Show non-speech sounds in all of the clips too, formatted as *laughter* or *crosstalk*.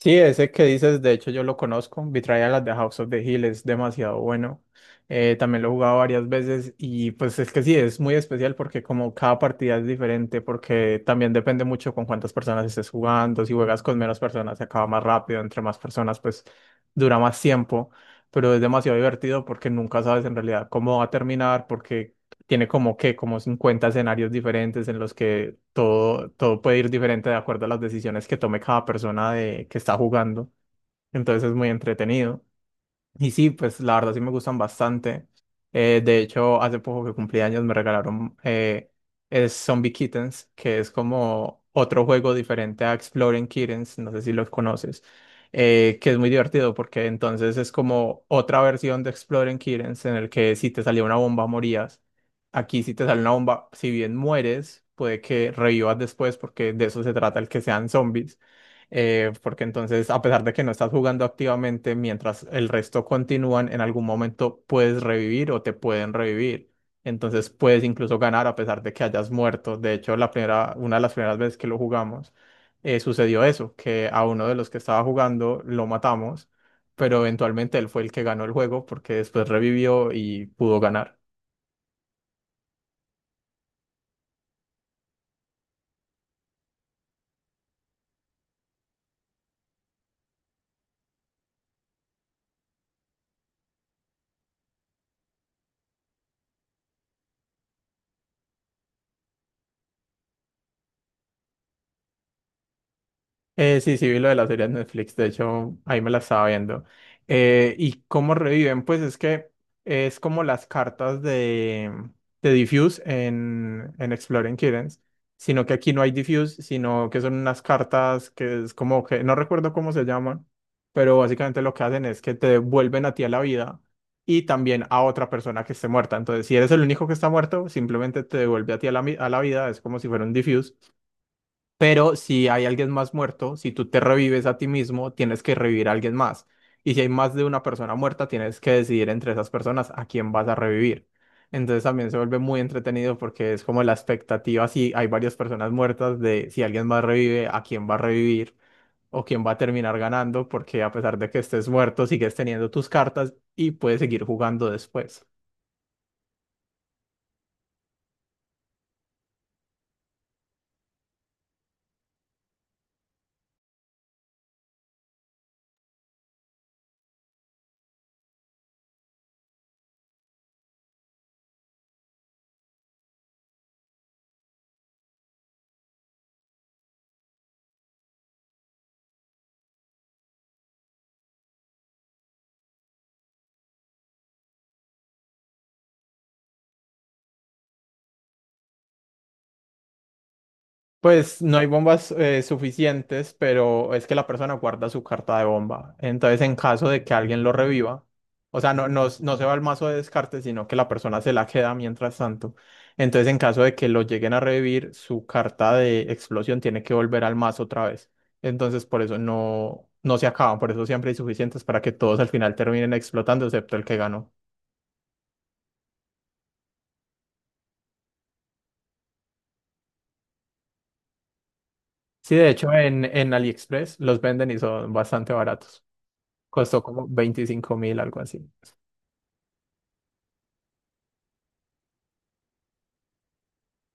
Sí, ese que dices, de hecho yo lo conozco, las de House of the Hill es demasiado bueno. También lo he jugado varias veces y pues es que sí, es muy especial porque como cada partida es diferente, porque también depende mucho con cuántas personas estés jugando. Si juegas con menos personas se acaba más rápido, entre más personas pues dura más tiempo, pero es demasiado divertido porque nunca sabes en realidad cómo va a terminar, porque tiene como que como 50 escenarios diferentes en los que todo, todo puede ir diferente de acuerdo a las decisiones que tome cada persona que está jugando. Entonces es muy entretenido. Y sí, pues la verdad sí me gustan bastante. De hecho, hace poco que cumplí años me regalaron, es Zombie Kittens, que es como otro juego diferente a Exploring Kittens, no sé si los conoces, que es muy divertido porque entonces es como otra versión de Exploring Kittens en el que si te salía una bomba morías. Aquí si te sale una bomba, si bien mueres, puede que revivas después porque de eso se trata el que sean zombies, porque entonces, a pesar de que no estás jugando activamente, mientras el resto continúan, en algún momento puedes revivir o te pueden revivir. Entonces puedes incluso ganar a pesar de que hayas muerto. De hecho, la primera, una de las primeras veces que lo jugamos, sucedió eso, que a uno de los que estaba jugando lo matamos, pero eventualmente él fue el que ganó el juego porque después revivió y pudo ganar. Sí, sí, vi lo de la serie de Netflix, de hecho, ahí me la estaba viendo. ¿Y cómo reviven? Pues es que es como las cartas de Diffuse en Exploring Kittens, sino que aquí no hay Diffuse, sino que son unas cartas que es como que, no recuerdo cómo se llaman, pero básicamente lo que hacen es que te vuelven a ti a la vida y también a otra persona que esté muerta. Entonces, si eres el único que está muerto, simplemente te devuelve a ti a la, a la vida, es como si fuera un Diffuse. Pero si hay alguien más muerto, si tú te revives a ti mismo, tienes que revivir a alguien más. Y si hay más de una persona muerta, tienes que decidir entre esas personas a quién vas a revivir. Entonces también se vuelve muy entretenido porque es como la expectativa, si hay varias personas muertas, de si alguien más revive, a quién va a revivir o quién va a terminar ganando, porque a pesar de que estés muerto, sigues teniendo tus cartas y puedes seguir jugando después. Pues no hay bombas suficientes, pero es que la persona guarda su carta de bomba. Entonces, en caso de que alguien lo reviva, o sea, no se va al mazo de descarte, sino que la persona se la queda mientras tanto. Entonces, en caso de que lo lleguen a revivir, su carta de explosión tiene que volver al mazo otra vez. Entonces, por eso no se acaban, por eso siempre hay suficientes para que todos al final terminen explotando, excepto el que ganó. Sí, de hecho, en AliExpress los venden y son bastante baratos. Costó como 25.000, algo así.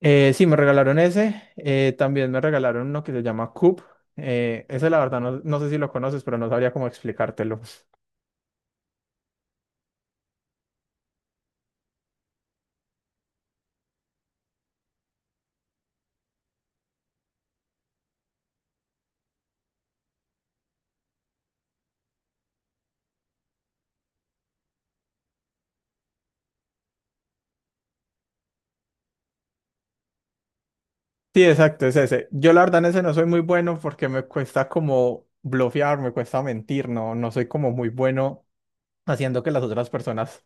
Sí, me regalaron ese. También me regalaron uno que se llama Coop. Ese, la verdad, no sé si lo conoces, pero no sabría cómo explicártelo. Sí, exacto, es ese. Yo, la verdad, en ese no soy muy bueno porque me cuesta como blofear, me cuesta mentir, no soy como muy bueno haciendo que las otras personas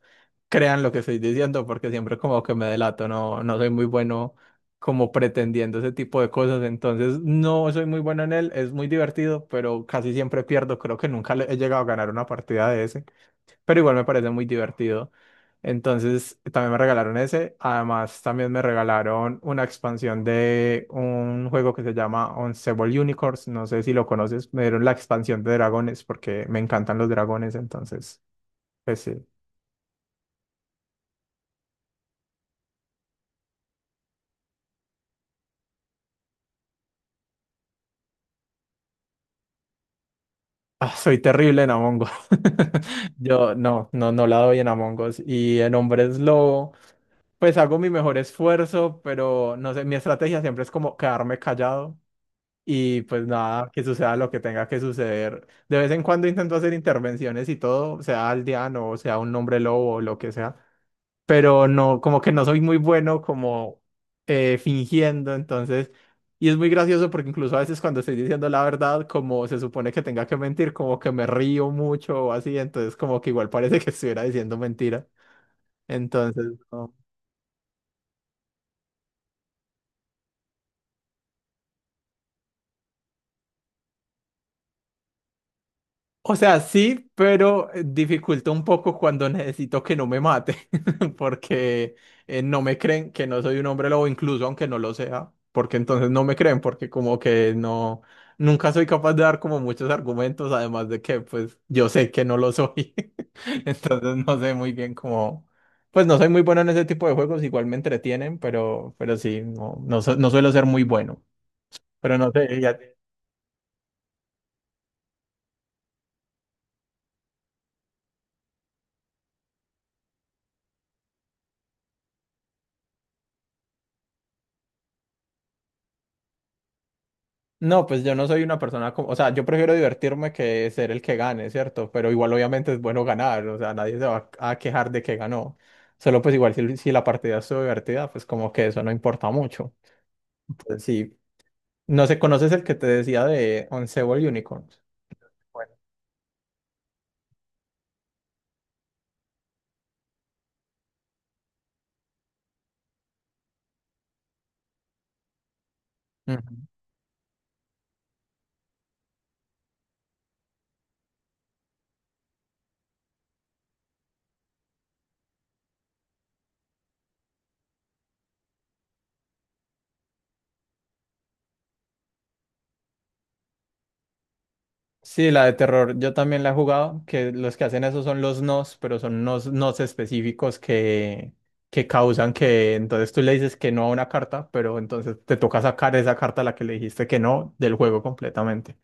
crean lo que estoy diciendo porque siempre como que me delato, no soy muy bueno como pretendiendo ese tipo de cosas, entonces no soy muy bueno en él, es muy divertido, pero casi siempre pierdo, creo que nunca he llegado a ganar una partida de ese, pero igual me parece muy divertido. Entonces, también me regalaron ese. Además, también me regalaron una expansión de un juego que se llama Unstable Unicorns. No sé si lo conoces. Me dieron la expansión de dragones porque me encantan los dragones. Entonces, pues sí. Ah, soy terrible en Among Us. *laughs* Yo no la doy en Among Us. Y en Hombres Lobo, pues hago mi mejor esfuerzo, pero no sé, mi estrategia siempre es como quedarme callado. Y pues nada, que suceda lo que tenga que suceder. De vez en cuando intento hacer intervenciones y todo, sea aldeano o sea un hombre lobo o lo que sea, pero no, como que no soy muy bueno como fingiendo. Entonces, y es muy gracioso porque incluso a veces cuando estoy diciendo la verdad, como se supone que tenga que mentir, como que me río mucho o así, entonces como que igual parece que estuviera diciendo mentira. Entonces, no. O sea, sí, pero dificulta un poco cuando necesito que no me mate, *laughs* porque no me creen que no soy un hombre lobo, incluso aunque no lo sea, porque entonces no me creen, porque como que no, nunca soy capaz de dar como muchos argumentos, además de que pues yo sé que no lo soy, *laughs* entonces no sé muy bien cómo, pues no soy muy bueno en ese tipo de juegos, igual me entretienen, pero, pero sí, no suelo ser muy bueno, pero no sé. No, pues yo no soy una persona como, o sea, yo prefiero divertirme que ser el que gane, ¿cierto? Pero igual obviamente es bueno ganar, o sea, nadie se va a quejar de que ganó. Solo pues igual si, si la partida estuvo divertida, pues como que eso no importa mucho. Entonces sí, no sé, ¿conoces el que te decía de Once Unicorns? Bueno. Sí, la de terror, yo también la he jugado, que los que hacen eso son los nos, pero son nos específicos que causan que entonces tú le dices que no a una carta, pero entonces te toca sacar esa carta a la que le dijiste que no del juego completamente.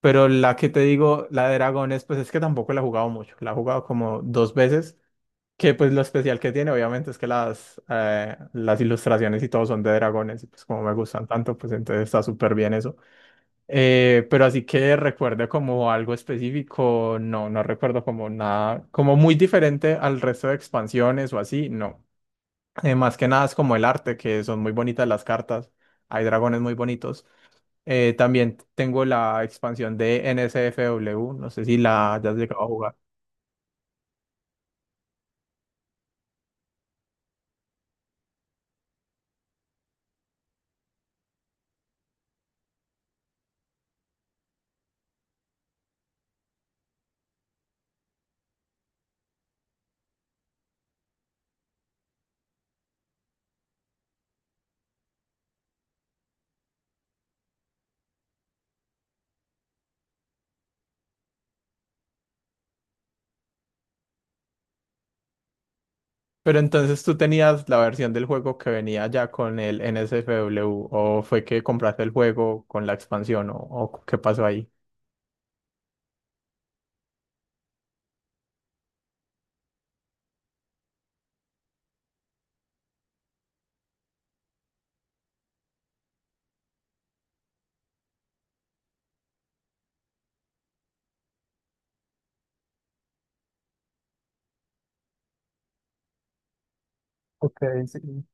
Pero la que te digo, la de dragones, pues es que tampoco la he jugado mucho, la he jugado como dos veces, que pues lo especial que tiene obviamente es que las ilustraciones y todo son de dragones, y pues como me gustan tanto, pues entonces está súper bien eso. Pero así que recuerde como algo específico, no, no recuerdo como nada, como muy diferente al resto de expansiones o así, no. Más que nada es como el arte, que son muy bonitas las cartas, hay dragones muy bonitos. También tengo la expansión de NSFW, no sé si la hayas llegado a jugar. Pero entonces tú tenías la versión del juego que venía ya con el NSFW, o fue que compraste el juego con la expansión, o qué pasó ahí. Ok, sí.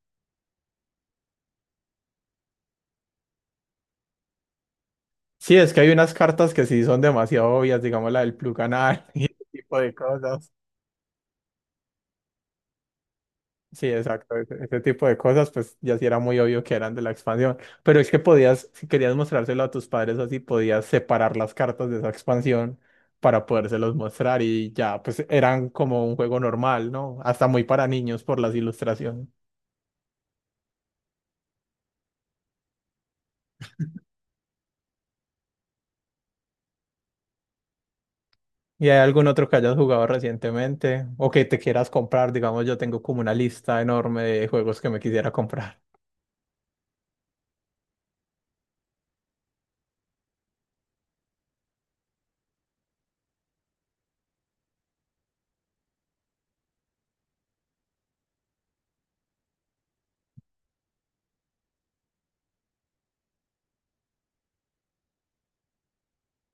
Sí, es que hay unas cartas que sí son demasiado obvias, digamos la del plug anal *laughs* y ese tipo de cosas. Sí, exacto, ese tipo de cosas, pues ya sí era muy obvio que eran de la expansión. Pero es que podías, si querías mostrárselo a tus padres así, podías separar las cartas de esa expansión para podérselos mostrar y ya, pues eran como un juego normal, ¿no? Hasta muy para niños por las ilustraciones. ¿Y hay algún otro que hayas jugado recientemente o que te quieras comprar? Digamos, yo tengo como una lista enorme de juegos que me quisiera comprar.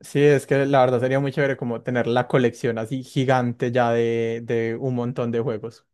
Sí, es que la verdad sería muy chévere como tener la colección así gigante ya de un montón de juegos.